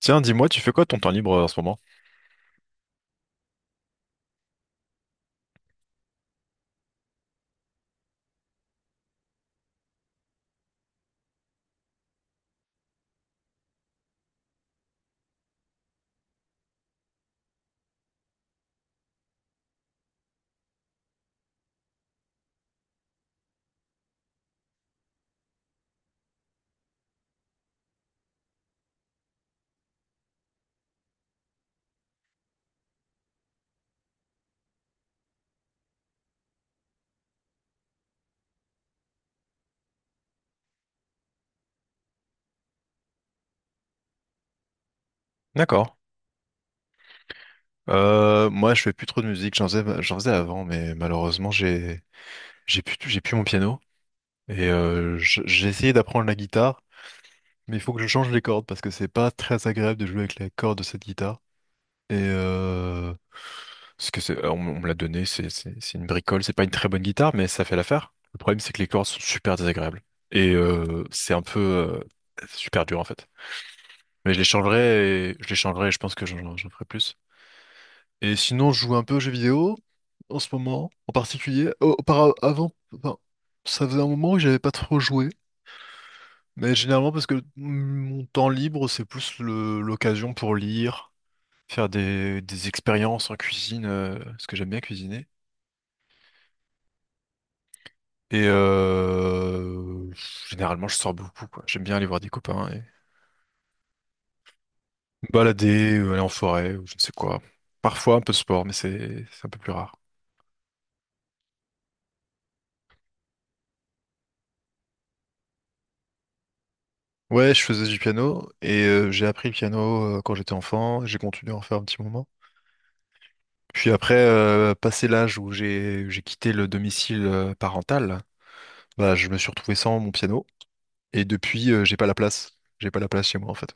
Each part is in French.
Tiens, dis-moi, tu fais quoi ton temps libre en ce moment? D'accord. Moi, je fais plus trop de musique. J'en faisais avant, mais malheureusement, j'ai plus mon piano. Et j'ai essayé d'apprendre la guitare, mais il faut que je change les cordes parce que c'est pas très agréable de jouer avec les cordes de cette guitare. Et ce que c'est, on me l'a donné, c'est une bricole, c'est pas une très bonne guitare, mais ça fait l'affaire. Le problème, c'est que les cordes sont super désagréables. Et c'est un peu super dur en fait. Mais je les changerai et je les changerai et je pense que j'en ferai plus. Et sinon, je joue un peu aux jeux vidéo en ce moment, en particulier. Auparavant, enfin, ça faisait un moment que j'avais pas trop joué. Mais généralement parce que mon temps libre, c'est plus l'occasion pour lire, faire des expériences en cuisine, parce que j'aime bien cuisiner. Et généralement, je sors beaucoup, quoi. J'aime bien aller voir des copains et me balader, aller en forêt, ou je ne sais quoi. Parfois un peu de sport, mais c'est un peu plus rare. Ouais, je faisais du piano et j'ai appris le piano quand j'étais enfant. J'ai continué à en faire un petit moment. Puis après, passé l'âge où j'ai quitté le domicile parental. Bah, je me suis retrouvé sans mon piano et depuis, j'ai pas la place. J'ai pas la place chez moi en fait.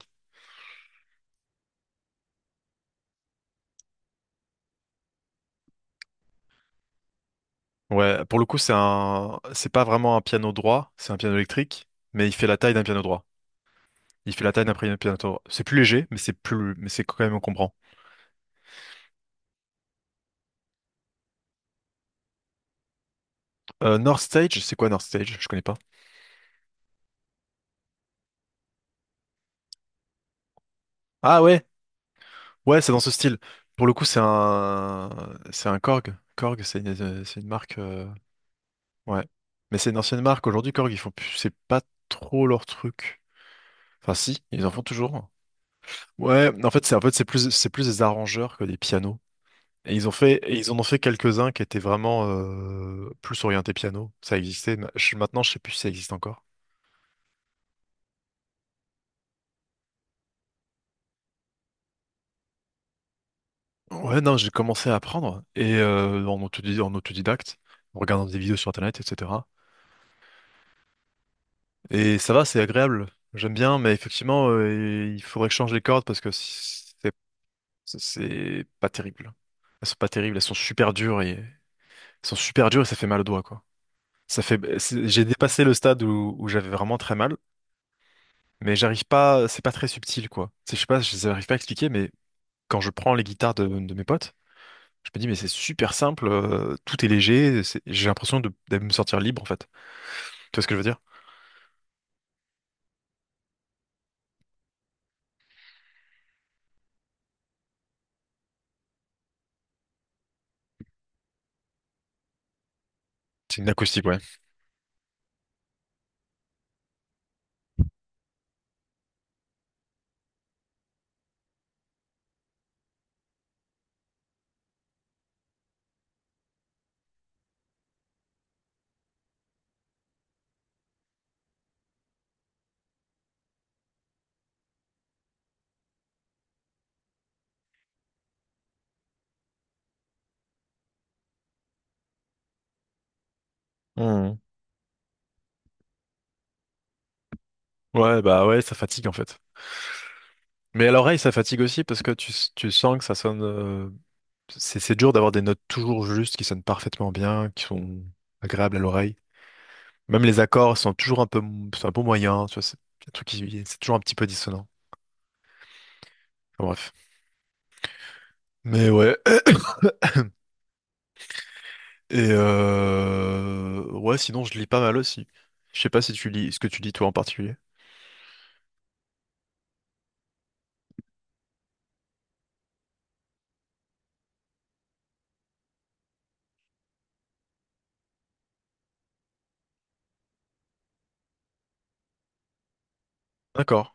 Ouais, pour le coup, c'est pas vraiment un piano droit, c'est un piano électrique, mais il fait la taille d'un piano droit. Il fait la taille d'un piano droit. C'est plus léger, mais c'est quand même encombrant. North Stage, c'est quoi North Stage? Je connais pas. Ah ouais, ouais, c'est dans ce style. Pour le coup, c'est un Korg. Korg, c'est une marque, ouais. Mais c'est une ancienne marque. Aujourd'hui, Korg, ils font plus, c'est pas trop leur truc. Enfin, si, ils en font toujours. Ouais, en fait, c'est plus des arrangeurs que des pianos. Et ils en ont fait quelques-uns qui étaient vraiment plus orientés piano. Ça existait. Maintenant, je sais plus si ça existe encore. Ouais, non, j'ai commencé à apprendre et en autodidacte, en regardant des vidéos sur Internet, etc. Et ça va, c'est agréable. J'aime bien, mais effectivement, il faudrait que je change les cordes parce que c'est pas terrible. Elles sont pas terribles, elles sont super dures et elles sont super dures et ça fait mal au doigt quoi. J'ai dépassé le stade où, où j'avais vraiment très mal, mais j'arrive pas, c'est pas très subtil quoi. Je sais pas, je n'arrive pas à expliquer mais quand je prends les guitares de mes potes, je me dis mais c'est super simple, tout est léger, j'ai l'impression de me sentir libre en fait. Tu vois ce que je veux dire? C'est une acoustique ouais. Mhm. Ouais bah ouais, ça fatigue en fait. Mais à l'oreille ça fatigue aussi parce que tu sens que ça sonne c'est dur d'avoir des notes toujours justes, qui sonnent parfaitement bien, qui sont agréables à l'oreille. Même les accords sont toujours un peu, sont un peu moyens, tu vois, c'est un truc qui, c'est toujours un petit peu dissonant. Enfin, bref. Mais ouais. Et euh, ouais, sinon je lis pas mal aussi. Je sais pas si tu lis, ce que tu lis toi en particulier. D'accord.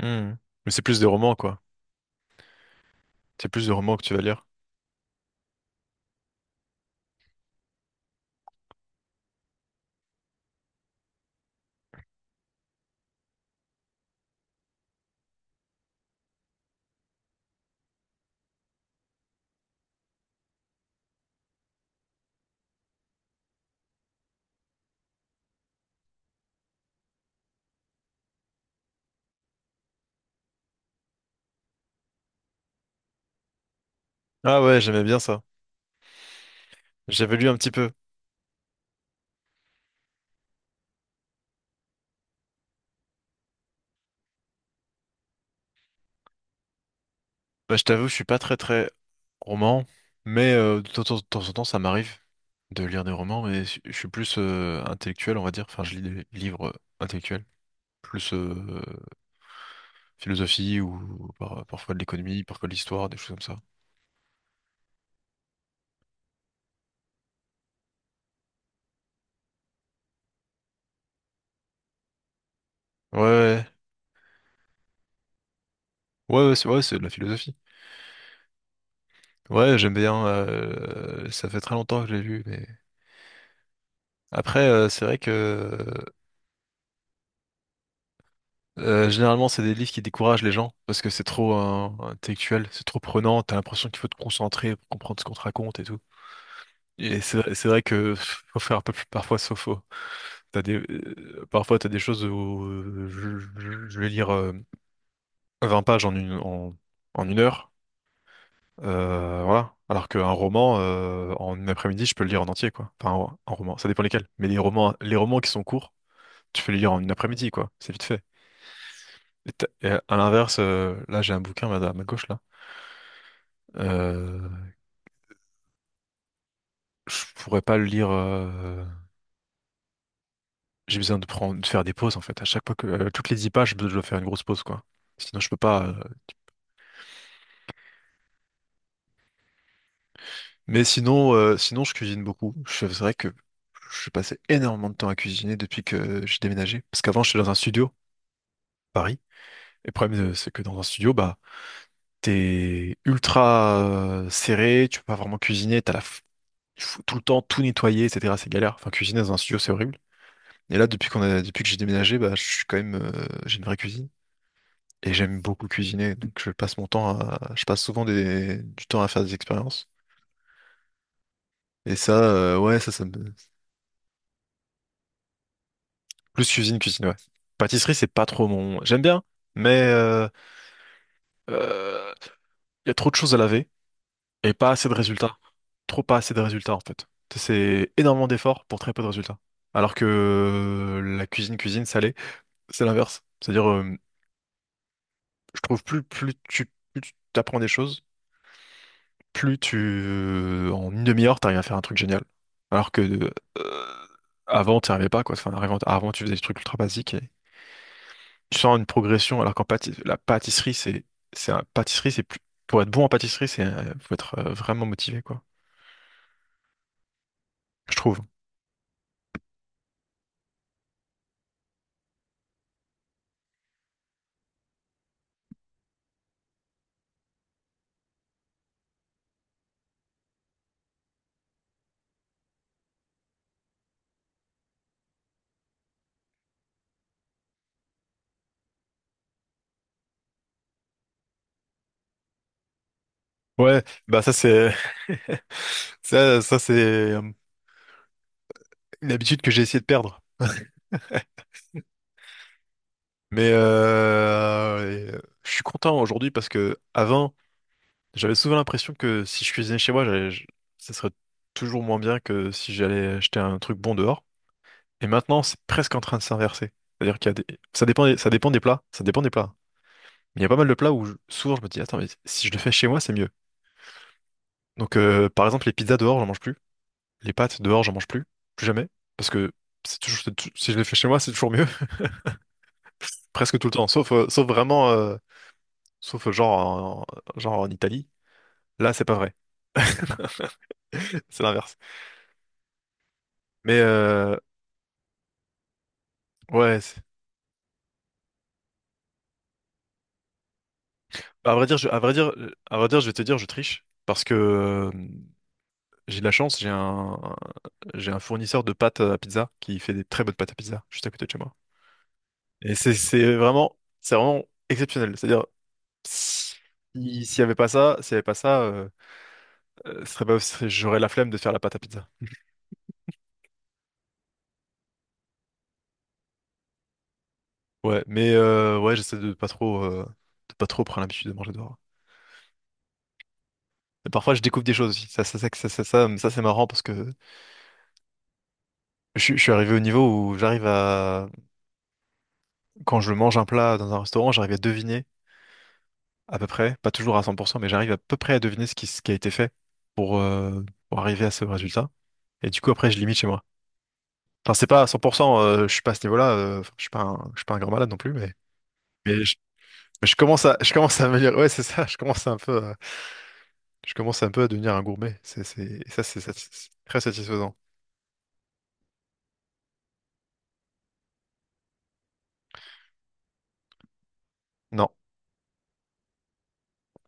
Hmm. Mais c'est plus des romans, quoi. C'est plus de romans que tu vas lire. Ah ouais, j'aimais bien ça. J'avais lu un petit peu. Bah, je t'avoue, je suis pas très très roman, mais de temps en temps, ça m'arrive de lire des romans, mais je suis plus intellectuel, on va dire. Enfin, je lis des livres intellectuels, plus philosophie ou parfois de l'économie, parfois de l'histoire, des choses comme ça. Ouais, ouais, ouais, ouais, c'est de la philosophie. Ouais, j'aime bien, ça fait très longtemps que je l'ai lu, mais après, c'est vrai que généralement, c'est des livres qui découragent les gens parce que c'est trop intellectuel, c'est trop prenant. T'as l'impression qu'il faut te concentrer pour comprendre ce qu'on te raconte et tout. Et c'est vrai que pff, faut faire un peu plus parfois sauf faux. T'as des parfois t'as des choses où je vais lire 20 pages en une heure. Voilà. Alors qu'un roman, en une après-midi, je peux le lire en entier, quoi. Enfin, un roman, ça dépend lesquels. Mais les romans qui sont courts, tu peux les lire en une après-midi, quoi. C'est vite fait. Et à l'inverse, là, j'ai un bouquin à ma gauche, là. Euh, je pourrais pas le lire, j'ai besoin de prendre, de faire des pauses, en fait. À chaque fois que, toutes les 10 pages, je dois faire une grosse pause, quoi. Sinon, je peux pas, euh. Mais sinon, sinon, je cuisine beaucoup. C'est vrai que je passais énormément de temps à cuisiner depuis que j'ai déménagé. Parce qu'avant, j'étais dans un studio à Paris. Et le problème, c'est que dans un studio, bah, t'es ultra serré, tu peux pas vraiment cuisiner, il faut tout le temps tout nettoyer, etc. C'est galère. Enfin, cuisiner dans un studio, c'est horrible. Et là, depuis que j'ai déménagé, bah, je suis quand même, j'ai une vraie cuisine et j'aime beaucoup cuisiner. Donc, je passe souvent des, du temps à faire des expériences. Et ça, ouais, ça me... Plus cuisine, cuisine, ouais. Pâtisserie, c'est pas trop mon. J'aime bien, mais euh, il y a trop de choses à laver. Et pas assez de résultats. Trop pas assez de résultats en fait. C'est énormément d'efforts pour très peu de résultats. Alors que la cuisine, cuisine salée, c'est l'inverse. C'est-à-dire, je trouve plus, plus tu t'apprends des choses, plus tu, en une demi-heure, t'arrives à faire un truc génial. Alors que euh, avant, t'y arrivais pas quoi. Enfin, avant, tu faisais des trucs ultra basiques et tu sens une progression. Alors qu'en la pâtisserie, c'est un pâtisserie, c'est plus, pour être bon en pâtisserie, c'est, faut être vraiment motivé quoi. Je trouve. Ouais, bah ça c'est ça c'est une habitude que j'ai essayé de perdre. Mais je suis content aujourd'hui parce que avant, j'avais souvent l'impression que si je cuisinais chez moi, ça serait toujours moins bien que si j'allais acheter un truc bon dehors. Et maintenant, c'est presque en train de s'inverser. C'est-à-dire qu'il y a des... Ça dépend des, ça dépend des plats, ça dépend des plats. Mais il y a pas mal de plats où souvent je me dis attends mais si je le fais chez moi, c'est mieux. Donc par exemple les pizzas dehors, j'en mange plus. Les pâtes dehors, j'en mange plus, plus jamais, parce que c'est toujours, c'est tou- si je les fais chez moi, c'est toujours mieux, presque tout le temps, sauf, sauf vraiment, sauf genre, en, genre en Italie. Là, c'est pas vrai, c'est l'inverse. Mais ouais, c'est- à vrai dire, je, à vrai dire, je vais te dire, je triche parce que j'ai de la chance, j'ai un fournisseur de pâtes à pizza qui fait des très bonnes pâtes à pizza juste à côté de chez moi. Et c'est vraiment exceptionnel. C'est-à-dire, si- s'il n'y avait pas ça, euh, ce serait pas, j'aurais la flemme de faire la pâte à pizza. Ouais, mais j'essaie de pas trop prendre l'habitude de manger dehors. Et parfois, je découvre des choses aussi. C'est marrant parce que je suis arrivé au niveau où j'arrive à, quand je mange un plat dans un restaurant, j'arrive à deviner à peu près, pas toujours à 100%, mais j'arrive à peu près à deviner ce qui a été fait pour, euh, pour arriver à ce résultat. Et du coup, après, je limite chez moi. Enfin, c'est pas à 100%, je suis pas à ce niveau-là, enfin, je suis pas un grand malade non plus, mais je commence à me dire, ouais, c'est ça, je commence à un peu. Je commence un peu à devenir un gourmet. Et ça, c'est très satisfaisant. Non,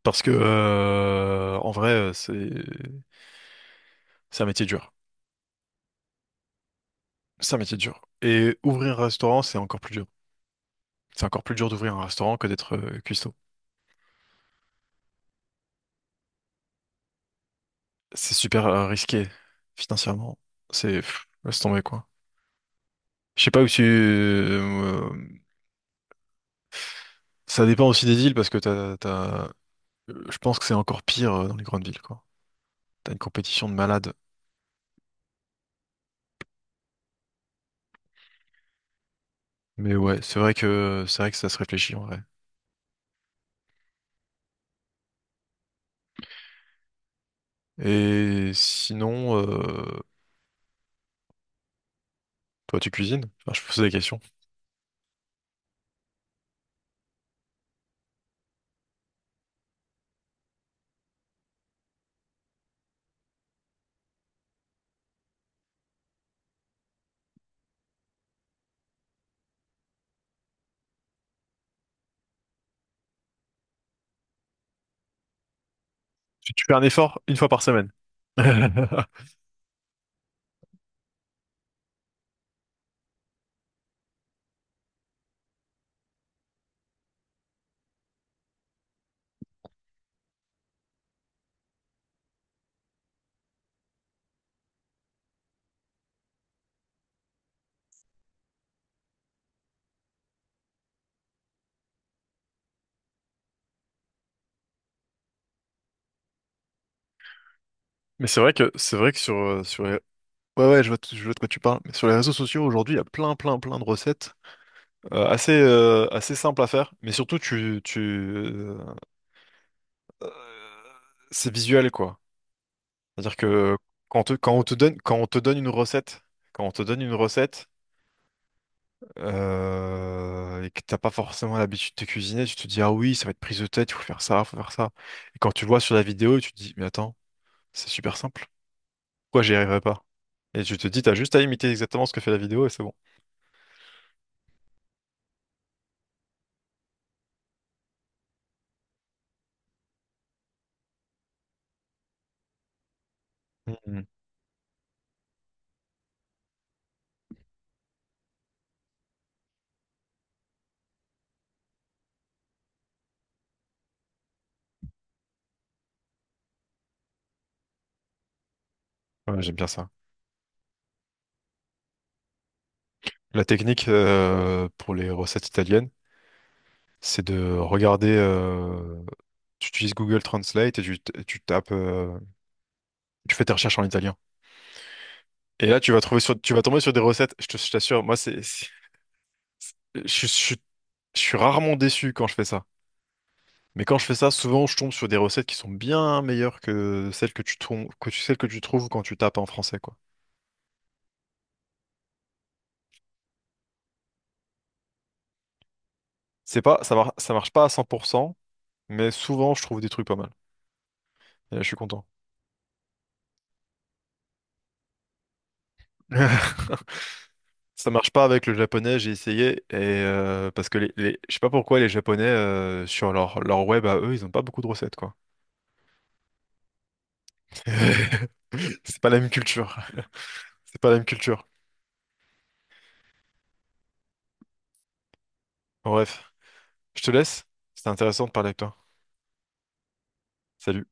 parce que en vrai, c'est un métier dur. C'est un métier dur. Et ouvrir un restaurant, c'est encore plus dur. C'est encore plus dur d'ouvrir un restaurant que d'être cuistot. C'est super risqué financièrement. C'est pff, laisse tomber quoi. Je sais pas où tu. Ça dépend aussi des villes parce que t'as... je pense que c'est encore pire dans les grandes villes quoi. T'as une compétition de malades. Mais ouais, c'est vrai que ça se réfléchit en vrai. Et sinon, toi, tu cuisines? Enfin, je pose des questions. Tu tu fais un effort une fois par semaine. Mais c'est vrai que sur sur les... ouais, je vois de quoi tu parles. Mais sur les réseaux sociaux aujourd'hui, il y a plein de recettes assez simples à faire. Mais surtout tu tu euh, c'est visuel quoi. C'est-à-dire que quand on te donne une recette, quand on te donne une recette et que t'as pas forcément l'habitude de cuisiner, tu te dis ah oui, ça va être prise de tête, il faut faire ça, il faut faire ça. Et quand tu le vois sur la vidéo, tu te dis mais attends, c'est super simple, pourquoi j'y arriverai pas? Et tu te dis t'as juste à imiter exactement ce que fait la vidéo et c'est bon. Mhm. Ouais, j'aime bien ça. La technique pour les recettes italiennes, c'est de regarder, tu utilises Google Translate et tu tapes, tu fais tes recherches en italien. Et là, tu vas tomber sur des recettes, je t'assure, moi, je, suis- je, suis je suis rarement déçu quand je fais ça. Mais quand je fais ça, souvent, je tombe sur des recettes qui sont bien meilleures que celles que tu trouves quand tu tapes en français, quoi. C'est pas, ça marche pas à 100%, mais souvent, je trouve des trucs pas mal. Et là, je suis content. Ça marche pas avec le japonais, j'ai essayé, et parce que les- je sais pas pourquoi les japonais, sur leur web à eux, ils ont pas beaucoup de recettes, quoi. C'est pas la même culture. C'est pas la même culture. Bref. Je te laisse. C'était intéressant de parler avec toi. Salut.